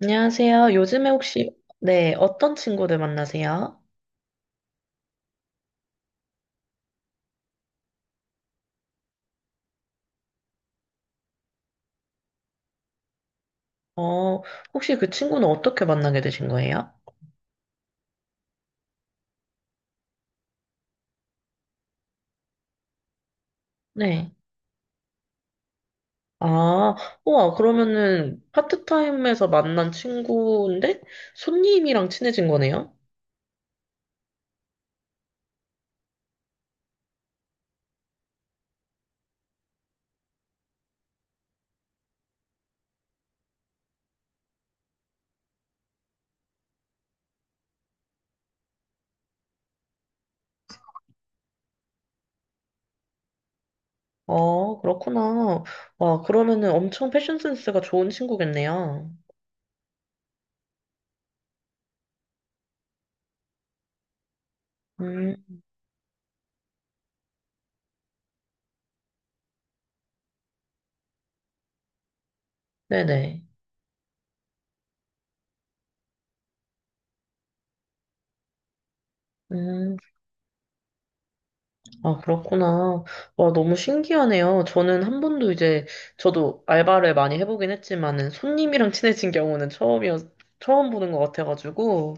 안녕하세요. 요즘에 혹시, 네, 어떤 친구들 만나세요? 어, 혹시 그 친구는 어떻게 만나게 되신 거예요? 네. 아, 우와, 그러면은 파트타임에서 만난 친구인데 손님이랑 친해진 거네요? 어, 그렇구나. 와, 그러면은 엄청 패션 센스가 좋은 친구겠네요. 음, 네네. 음. 아, 그렇구나. 와, 너무 신기하네요. 저는 한 번도 이제, 저도 알바를 많이 해보긴 했지만은, 손님이랑 친해진 경우는 처음 보는 것 같아가지고.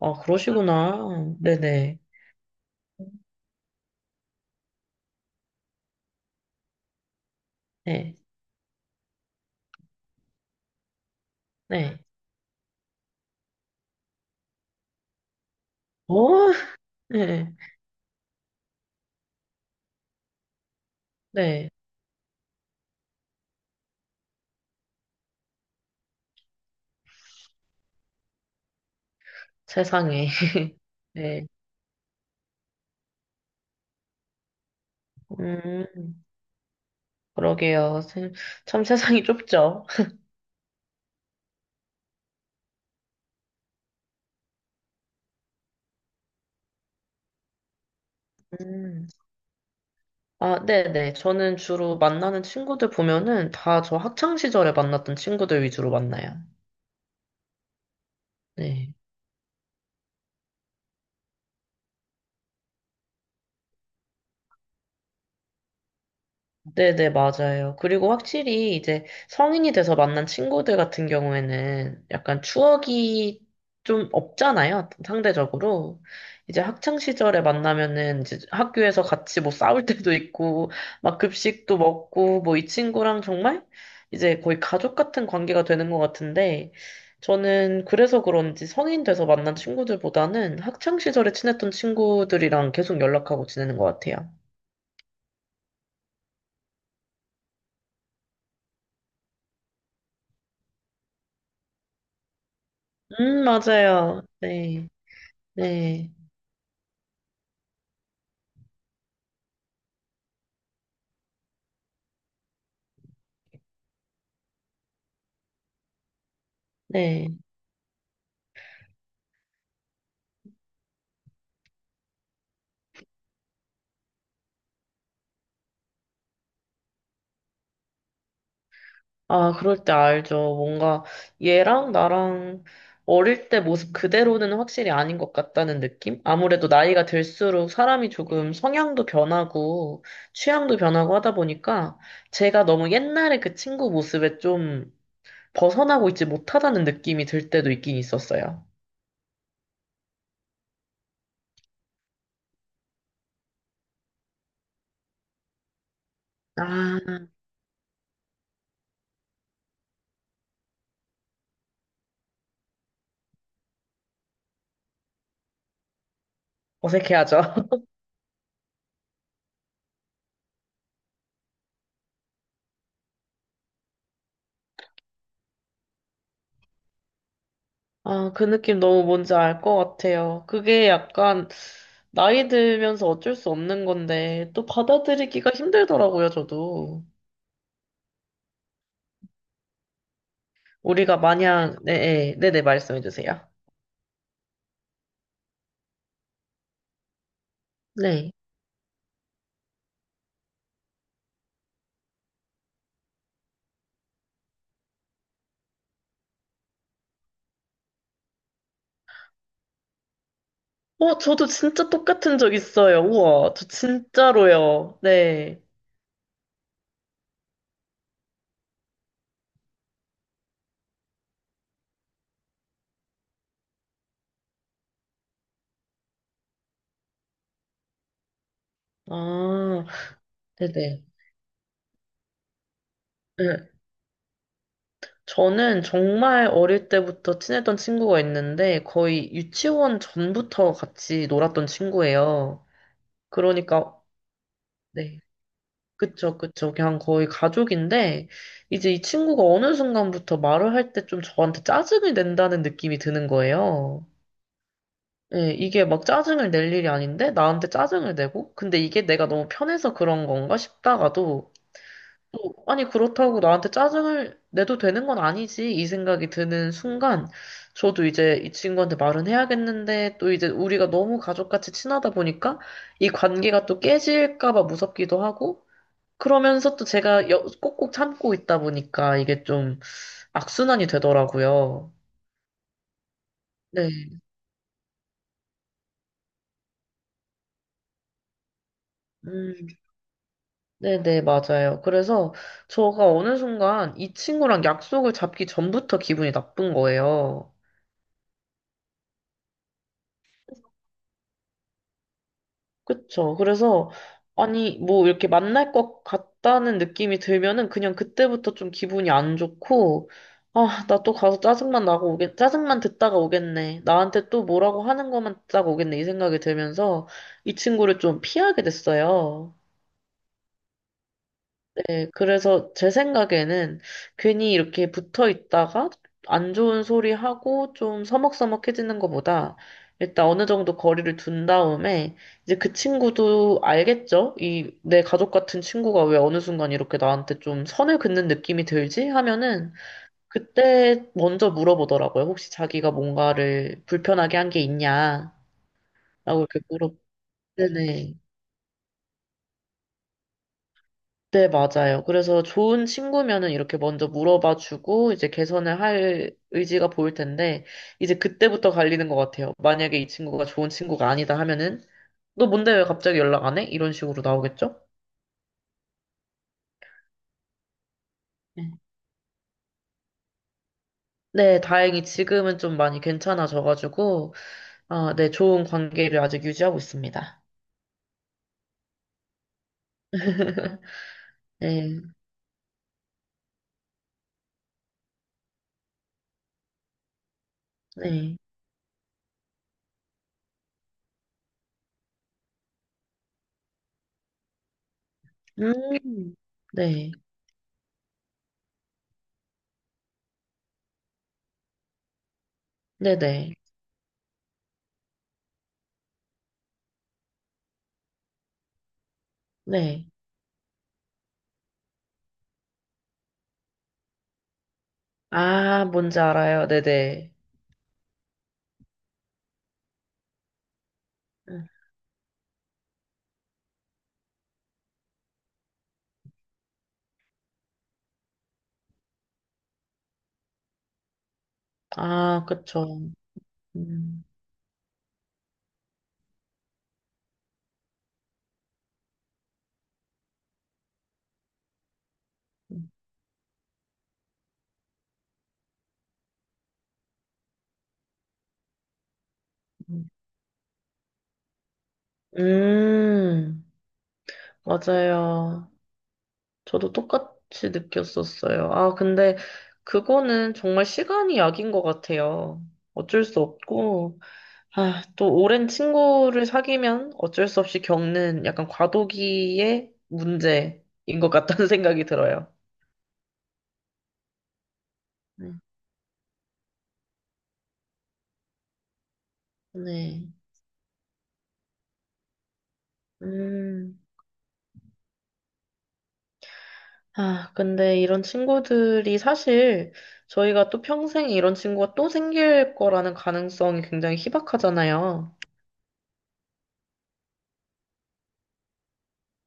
아, 그러시구나. 네네. 네. 네. 어? 네. 네. 세상에. 네. 음, 그러게요. 참 세상이 좁죠. 음. 아, 네네. 저는 주로 만나는 친구들 보면은 다 저 학창 시절에 만났던 친구들 위주로 만나요. 네. 네네, 맞아요. 그리고 확실히 이제 성인이 돼서 만난 친구들 같은 경우에는 약간 추억이 좀 없잖아요, 상대적으로. 이제 학창 시절에 만나면은 이제 학교에서 같이 뭐 싸울 때도 있고, 막 급식도 먹고, 뭐 이 친구랑 정말 이제 거의 가족 같은 관계가 되는 것 같은데, 저는 그래서 그런지 성인 돼서 만난 친구들보다는 학창 시절에 친했던 친구들이랑 계속 연락하고 지내는 것 같아요. 맞아요. 네. 네, 네. 아, 그럴 때 알죠. 뭔가 얘랑 나랑 어릴 때 모습 그대로는 확실히 아닌 것 같다는 느낌? 아무래도 나이가 들수록 사람이 조금 성향도 변하고 취향도 변하고 하다 보니까 제가 너무 옛날에 그 친구 모습에 좀 벗어나고 있지 못하다는 느낌이 들 때도 있긴 있었어요. 아, 어색해하죠. 아, 그 느낌 너무 뭔지 알 것 같아요. 그게 약간 나이 들면서 어쩔 수 없는 건데 또 받아들이기가 힘들더라고요, 저도. 우리가 마냥 네, 네, 네, 말씀해 주세요. 네. 어, 저도 진짜 똑같은 적 있어요. 우와, 저 진짜로요. 네. 아, 네네. 네. 저는 정말 어릴 때부터 친했던 친구가 있는데 거의 유치원 전부터 같이 놀았던 친구예요. 그러니까 네. 그쵸, 그쵸. 그냥 거의 가족인데, 이제 이 친구가 어느 순간부터 말을 할 때 좀 저한테 짜증을 낸다는 느낌이 드는 거예요. 예, 이게 막 짜증을 낼 일이 아닌데, 나한테 짜증을 내고, 근데 이게 내가 너무 편해서 그런 건가 싶다가도, 또, 아니, 그렇다고 나한테 짜증을 내도 되는 건 아니지, 이 생각이 드는 순간, 저도 이제 이 친구한테 말은 해야겠는데, 또 이제 우리가 너무 가족같이 친하다 보니까, 이 관계가 또 깨질까 봐 무섭기도 하고, 그러면서 또 제가 꼭꼭 참고 있다 보니까 이게 좀 악순환이 되더라고요. 네. 음, 네네, 맞아요. 그래서 저가 어느 순간 이 친구랑 약속을 잡기 전부터 기분이 나쁜 거예요. 그쵸. 그래서, 아니, 뭐, 이렇게 만날 것 같다는 느낌이 들면은 그냥 그때부터 좀 기분이 안 좋고, 아, 나 또 가서 짜증만 듣다가 오겠네. 나한테 또 뭐라고 하는 것만 듣다가 오겠네. 이 생각이 들면서 이 친구를 좀 피하게 됐어요. 네, 그래서 제 생각에는 괜히 이렇게 붙어 있다가 안 좋은 소리 하고 좀 서먹서먹해지는 것보다 일단 어느 정도 거리를 둔 다음에 이제 그 친구도 알겠죠? 이 내 가족 같은 친구가 왜 어느 순간 이렇게 나한테 좀 선을 긋는 느낌이 들지? 하면은 그때 먼저 물어보더라고요. 혹시 자기가 뭔가를 불편하게 한 게 있냐? 라고 이렇게 물어. 네네. 네, 맞아요. 그래서 좋은 친구면은 이렇게 먼저 물어봐주고 이제 개선을 할 의지가 보일 텐데 이제 그때부터 갈리는 것 같아요. 만약에 이 친구가 좋은 친구가 아니다 하면은 너 뭔데 왜 갑자기 연락 안 해? 이런 식으로 나오겠죠? 네. 네, 다행히 지금은 좀 많이 괜찮아져가지고 아, 네, 좋은 관계를 아직 유지하고 있습니다. 네, 네, 음, 네, 네, 네, 네. 아, 뭔지 알아요. 네, 네. 음, 아, 그쵸. 음. 음, 맞아요. 저도 똑같이 느꼈었어요. 아, 근데 그거는 정말 시간이 약인 것 같아요. 어쩔 수 없고, 아, 또 오랜 친구를 사귀면 어쩔 수 없이 겪는 약간 과도기의 문제인 것 같다는 생각이 들어요. 음, 네. 음, 아, 근데 이런 친구들이 사실 저희가 또 평생 이런 친구가 또 생길 거라는 가능성이 굉장히 희박하잖아요.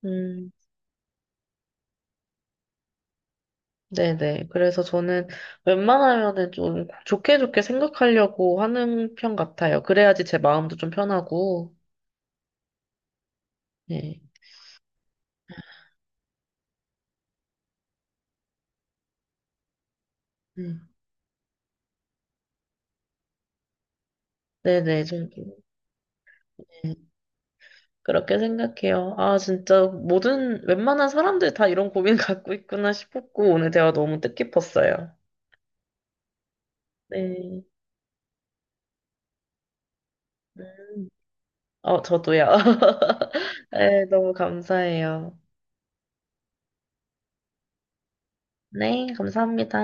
음, 네네. 그래서 저는 웬만하면은 좀 좋게 좋게 생각하려고 하는 편 같아요. 그래야지 제 마음도 좀 편하고. 네. 음. 네네. 좀, 네. 그렇게 생각해요. 아, 진짜 모든, 웬만한 사람들 다 이런 고민 갖고 있구나 싶었고, 오늘 대화 너무 뜻깊었어요. 네. 음. 어, 저도요. 네, 너무 감사해요. 네, 감사합니다.